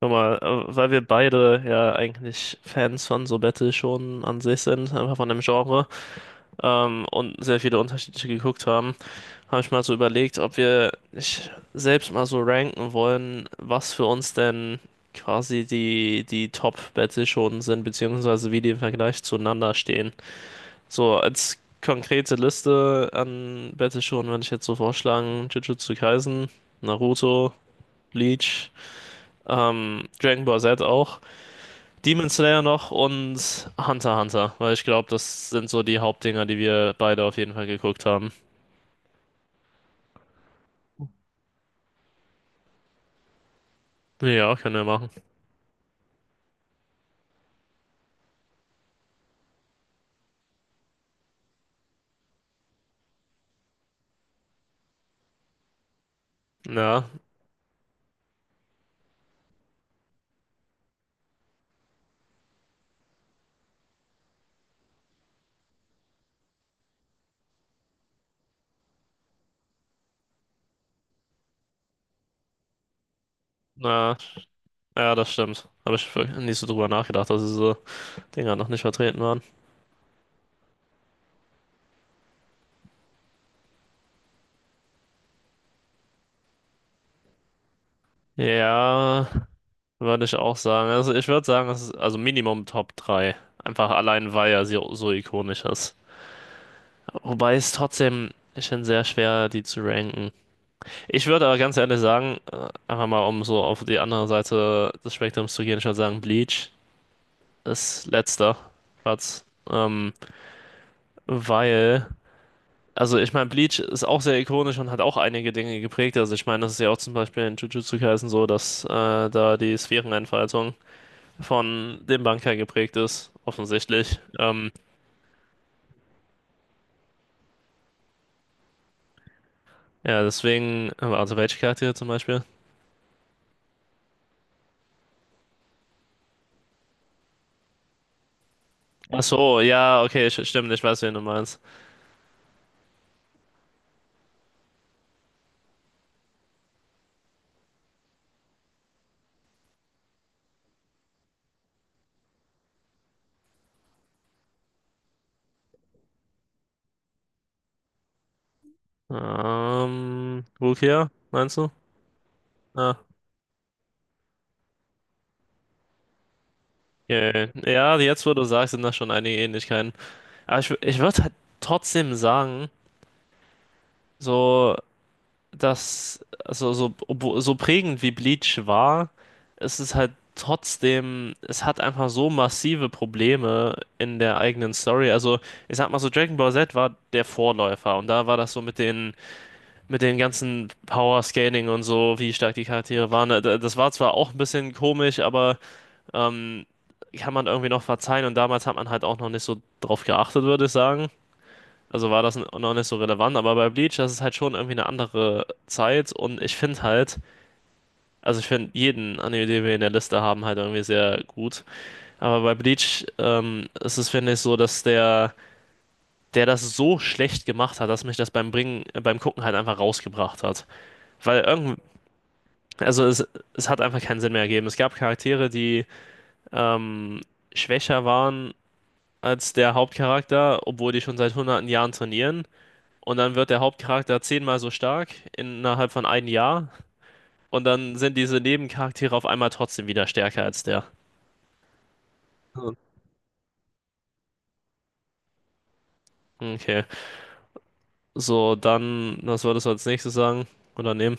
Guck mal, weil wir beide ja eigentlich Fans von so Battle schon an sich sind, einfach von dem Genre, und sehr viele unterschiedliche geguckt haben, habe ich mal so überlegt, ob wir nicht selbst mal so ranken wollen, was für uns denn quasi die Top-Battle schon sind, beziehungsweise wie die im Vergleich zueinander stehen. So als konkrete Liste an Battle schon würde ich jetzt so vorschlagen, Jujutsu Kaisen, Naruto, Bleach, Dragon Ball Z auch. Demon Slayer noch und Hunter x Hunter, weil ich glaube, das sind so die Hauptdinger, die wir beide auf jeden Fall geguckt haben. Ja, können wir machen. Ja, na, ja, das stimmt. Habe ich wirklich nicht so drüber nachgedacht, dass diese Dinger noch nicht vertreten waren. Ja, würde ich auch sagen. Also ich würde sagen, es ist also Minimum Top 3. Einfach allein, weil er so, so ikonisch ist. Wobei es trotzdem, ich finde, sehr schwer, die zu ranken. Ich würde aber ganz ehrlich sagen, einfach mal um so auf die andere Seite des Spektrums zu gehen, ich würde sagen, Bleach ist letzter Platz. Ähm, weil, also ich meine, Bleach ist auch sehr ikonisch und hat auch einige Dinge geprägt. Also ich meine, das ist ja auch zum Beispiel in Jujutsu Kaisen so, dass da die Sphärenentfaltung von dem Bankai geprägt ist, offensichtlich. Ja, deswegen, also welche Charaktere zum Beispiel? Ach so, ja, okay, stimmt, ich weiß, wen du meinst. Rukia, meinst du? Ah, okay. Ja, jetzt, wo du sagst, sind da schon einige Ähnlichkeiten. Aber ich würde halt trotzdem sagen, so, dass, also so, so prägend wie Bleach war, ist es ist halt trotzdem, es hat einfach so massive Probleme in der eigenen Story. Also, ich sag mal so, Dragon Ball Z war der Vorläufer und da war das so mit den ganzen Power-Scaling und so, wie stark die Charaktere waren. Da- Das war zwar auch ein bisschen komisch, aber. ähm, Kann man irgendwie noch verzeihen. Und damals hat man halt auch noch nicht so drauf geachtet, würde ich sagen. Also war das noch nicht so relevant. Aber bei Bleach, das ist halt schon irgendwie eine andere Zeit. Und ich finde halt, also ich finde jeden Anime, den wir in der Liste haben, halt irgendwie sehr gut. Aber bei Bleach ist es, finde ich, so, dass der das so schlecht gemacht hat, dass mich das beim Gucken halt einfach rausgebracht hat. Weil irgend, also es hat einfach keinen Sinn mehr ergeben. Es gab Charaktere, die ähm, schwächer waren als der Hauptcharakter, obwohl die schon seit hunderten Jahren trainieren. Und dann wird der Hauptcharakter zehnmal so stark innerhalb von einem Jahr. Und dann sind diese Nebencharaktere auf einmal trotzdem wieder stärker als der. Hm. Okay. So, dann, was würdest du als nächstes sagen? Oder nehmen?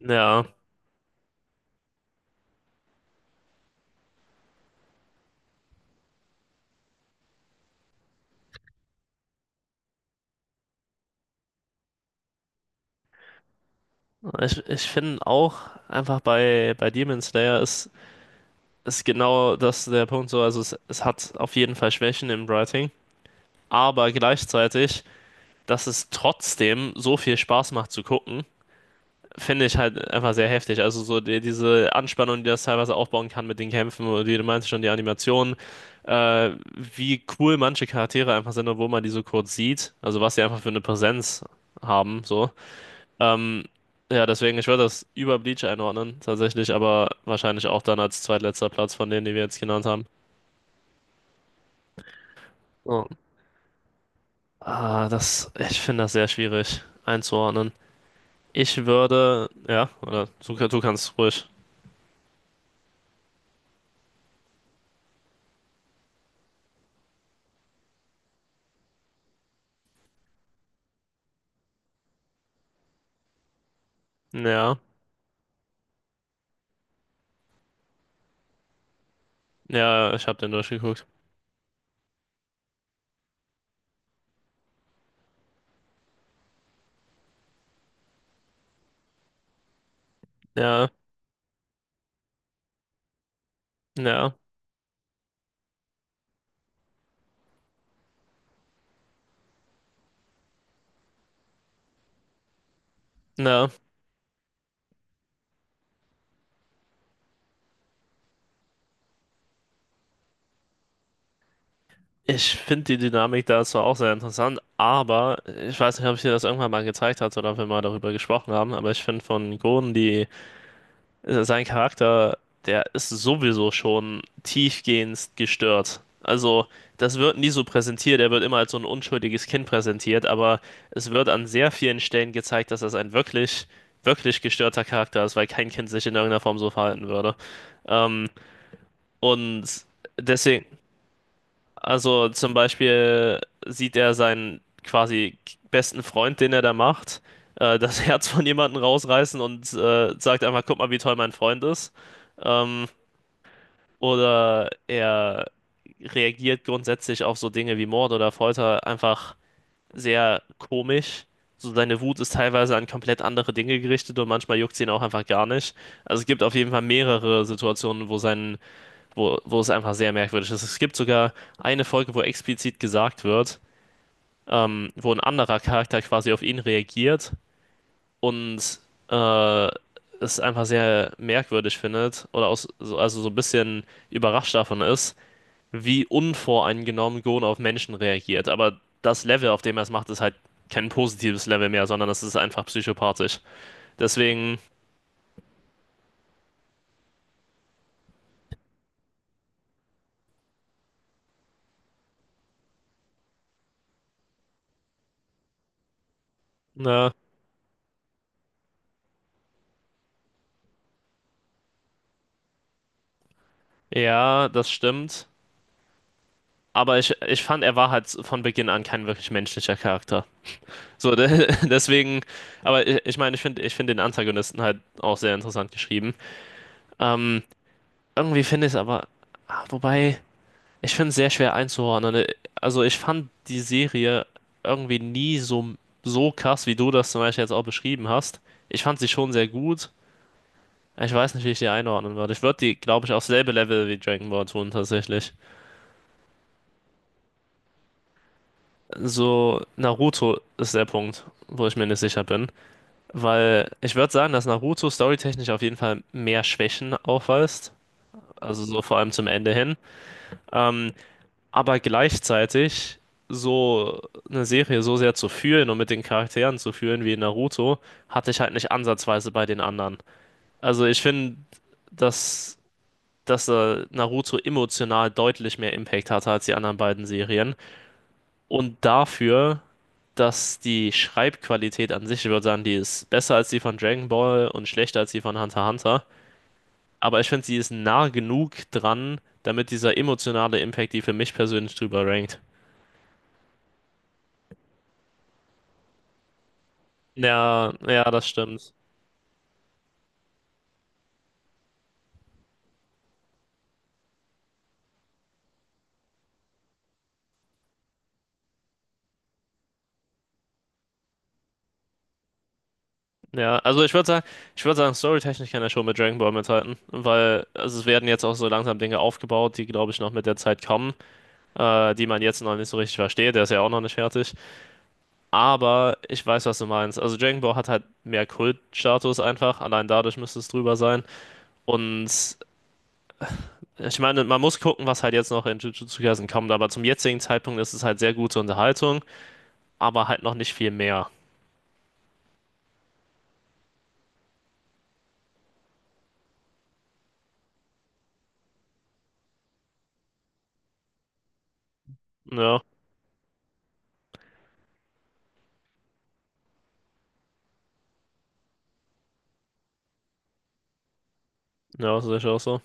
Ja. Ich finde auch einfach bei, bei Demon Slayer ist, ist genau das der Punkt so. Also es hat auf jeden Fall Schwächen im Writing, aber gleichzeitig, dass es trotzdem so viel Spaß macht zu gucken finde ich halt einfach sehr heftig. Also so die, diese Anspannung, die das teilweise aufbauen kann mit den Kämpfen, und wie du meinst schon, die Animationen, wie cool manche Charaktere einfach sind, obwohl man die so kurz sieht. Also was sie einfach für eine Präsenz haben, so. Ähm, ja, deswegen, ich würde das über Bleach einordnen, tatsächlich, aber wahrscheinlich auch dann als zweitletzter Platz von denen, die wir jetzt genannt haben. So. Ah, ich finde das sehr schwierig einzuordnen. Ja, oder du kannst ruhig. Ja, ja, ich habe den durchgeguckt. Ja, ja, ja. Ich finde die Dynamik da zwar auch sehr interessant, aber ich weiß nicht, ob ich dir das irgendwann mal gezeigt hatte oder ob wir mal darüber gesprochen haben, aber ich finde von Gordon, sein Charakter, der ist sowieso schon tiefgehend gestört. Also, das wird nie so präsentiert, er wird immer als so ein unschuldiges Kind präsentiert, aber es wird an sehr vielen Stellen gezeigt, dass das ein wirklich, wirklich gestörter Charakter ist, weil kein Kind sich in irgendeiner Form so verhalten würde. Ähm, und deswegen. Also zum Beispiel sieht er seinen quasi besten Freund, den er da macht, das Herz von jemandem rausreißen und sagt einfach, guck mal, wie toll mein Freund ist. Ähm, oder er reagiert grundsätzlich auf so Dinge wie Mord oder Folter einfach sehr komisch. So seine Wut ist teilweise an komplett andere Dinge gerichtet und manchmal juckt sie ihn auch einfach gar nicht. Also es gibt auf jeden Fall mehrere Situationen, wo wo es einfach sehr merkwürdig ist. Es gibt sogar eine Folge, wo explizit gesagt wird, wo ein anderer Charakter quasi auf ihn reagiert und äh, es einfach sehr merkwürdig findet oder also so ein bisschen überrascht davon ist, wie unvoreingenommen Gon auf Menschen reagiert. Aber das Level, auf dem er es macht, ist halt kein positives Level mehr, sondern das ist einfach psychopathisch. Deswegen, ne, ja, das stimmt. Aber ich fand, er war halt von Beginn an kein wirklich menschlicher Charakter. So, de deswegen, aber ich meine, ich find den Antagonisten halt auch sehr interessant geschrieben. Ähm, irgendwie finde ich es aber, wobei, ich finde es sehr schwer einzuordnen. Also, ich fand die Serie irgendwie nie so, so krass, wie du das zum Beispiel jetzt auch beschrieben hast. Ich fand sie schon sehr gut. Ich weiß nicht, wie ich die einordnen würde. Ich würde die, glaube ich, aufs selbe Level wie Dragon Ball tun, tatsächlich. So, Naruto ist der Punkt, wo ich mir nicht sicher bin. Weil ich würde sagen, dass Naruto storytechnisch auf jeden Fall mehr Schwächen aufweist. Also so vor allem zum Ende hin. Ähm, aber gleichzeitig so eine Serie so sehr zu fühlen und mit den Charakteren zu fühlen wie in Naruto, hatte ich halt nicht ansatzweise bei den anderen. Also ich finde, dass, dass Naruto emotional deutlich mehr Impact hatte als die anderen beiden Serien. Und dafür, dass die Schreibqualität an sich, ich würde sagen, die ist besser als die von Dragon Ball und schlechter als die von Hunter x Hunter. Aber ich finde, sie ist nah genug dran, damit dieser emotionale Impact die für mich persönlich drüber rankt. Ja, ja, das stimmt. Ja, also ich würde sagen, storytechnisch kann er schon mit Dragon Ball mithalten, weil also es werden jetzt auch so langsam Dinge aufgebaut, die glaube ich noch mit der Zeit kommen, die man jetzt noch nicht so richtig versteht. Der ist ja auch noch nicht fertig. Aber ich weiß, was du meinst. Also Dragon Ball hat halt mehr Kultstatus einfach. Allein dadurch müsste es drüber sein. Und ich meine, man muss gucken, was halt jetzt noch in Jujutsu Kaisen kommt. Aber zum jetzigen Zeitpunkt ist es halt sehr gute Unterhaltung, aber halt noch nicht viel mehr. Ja, ja, sehe ich auch so.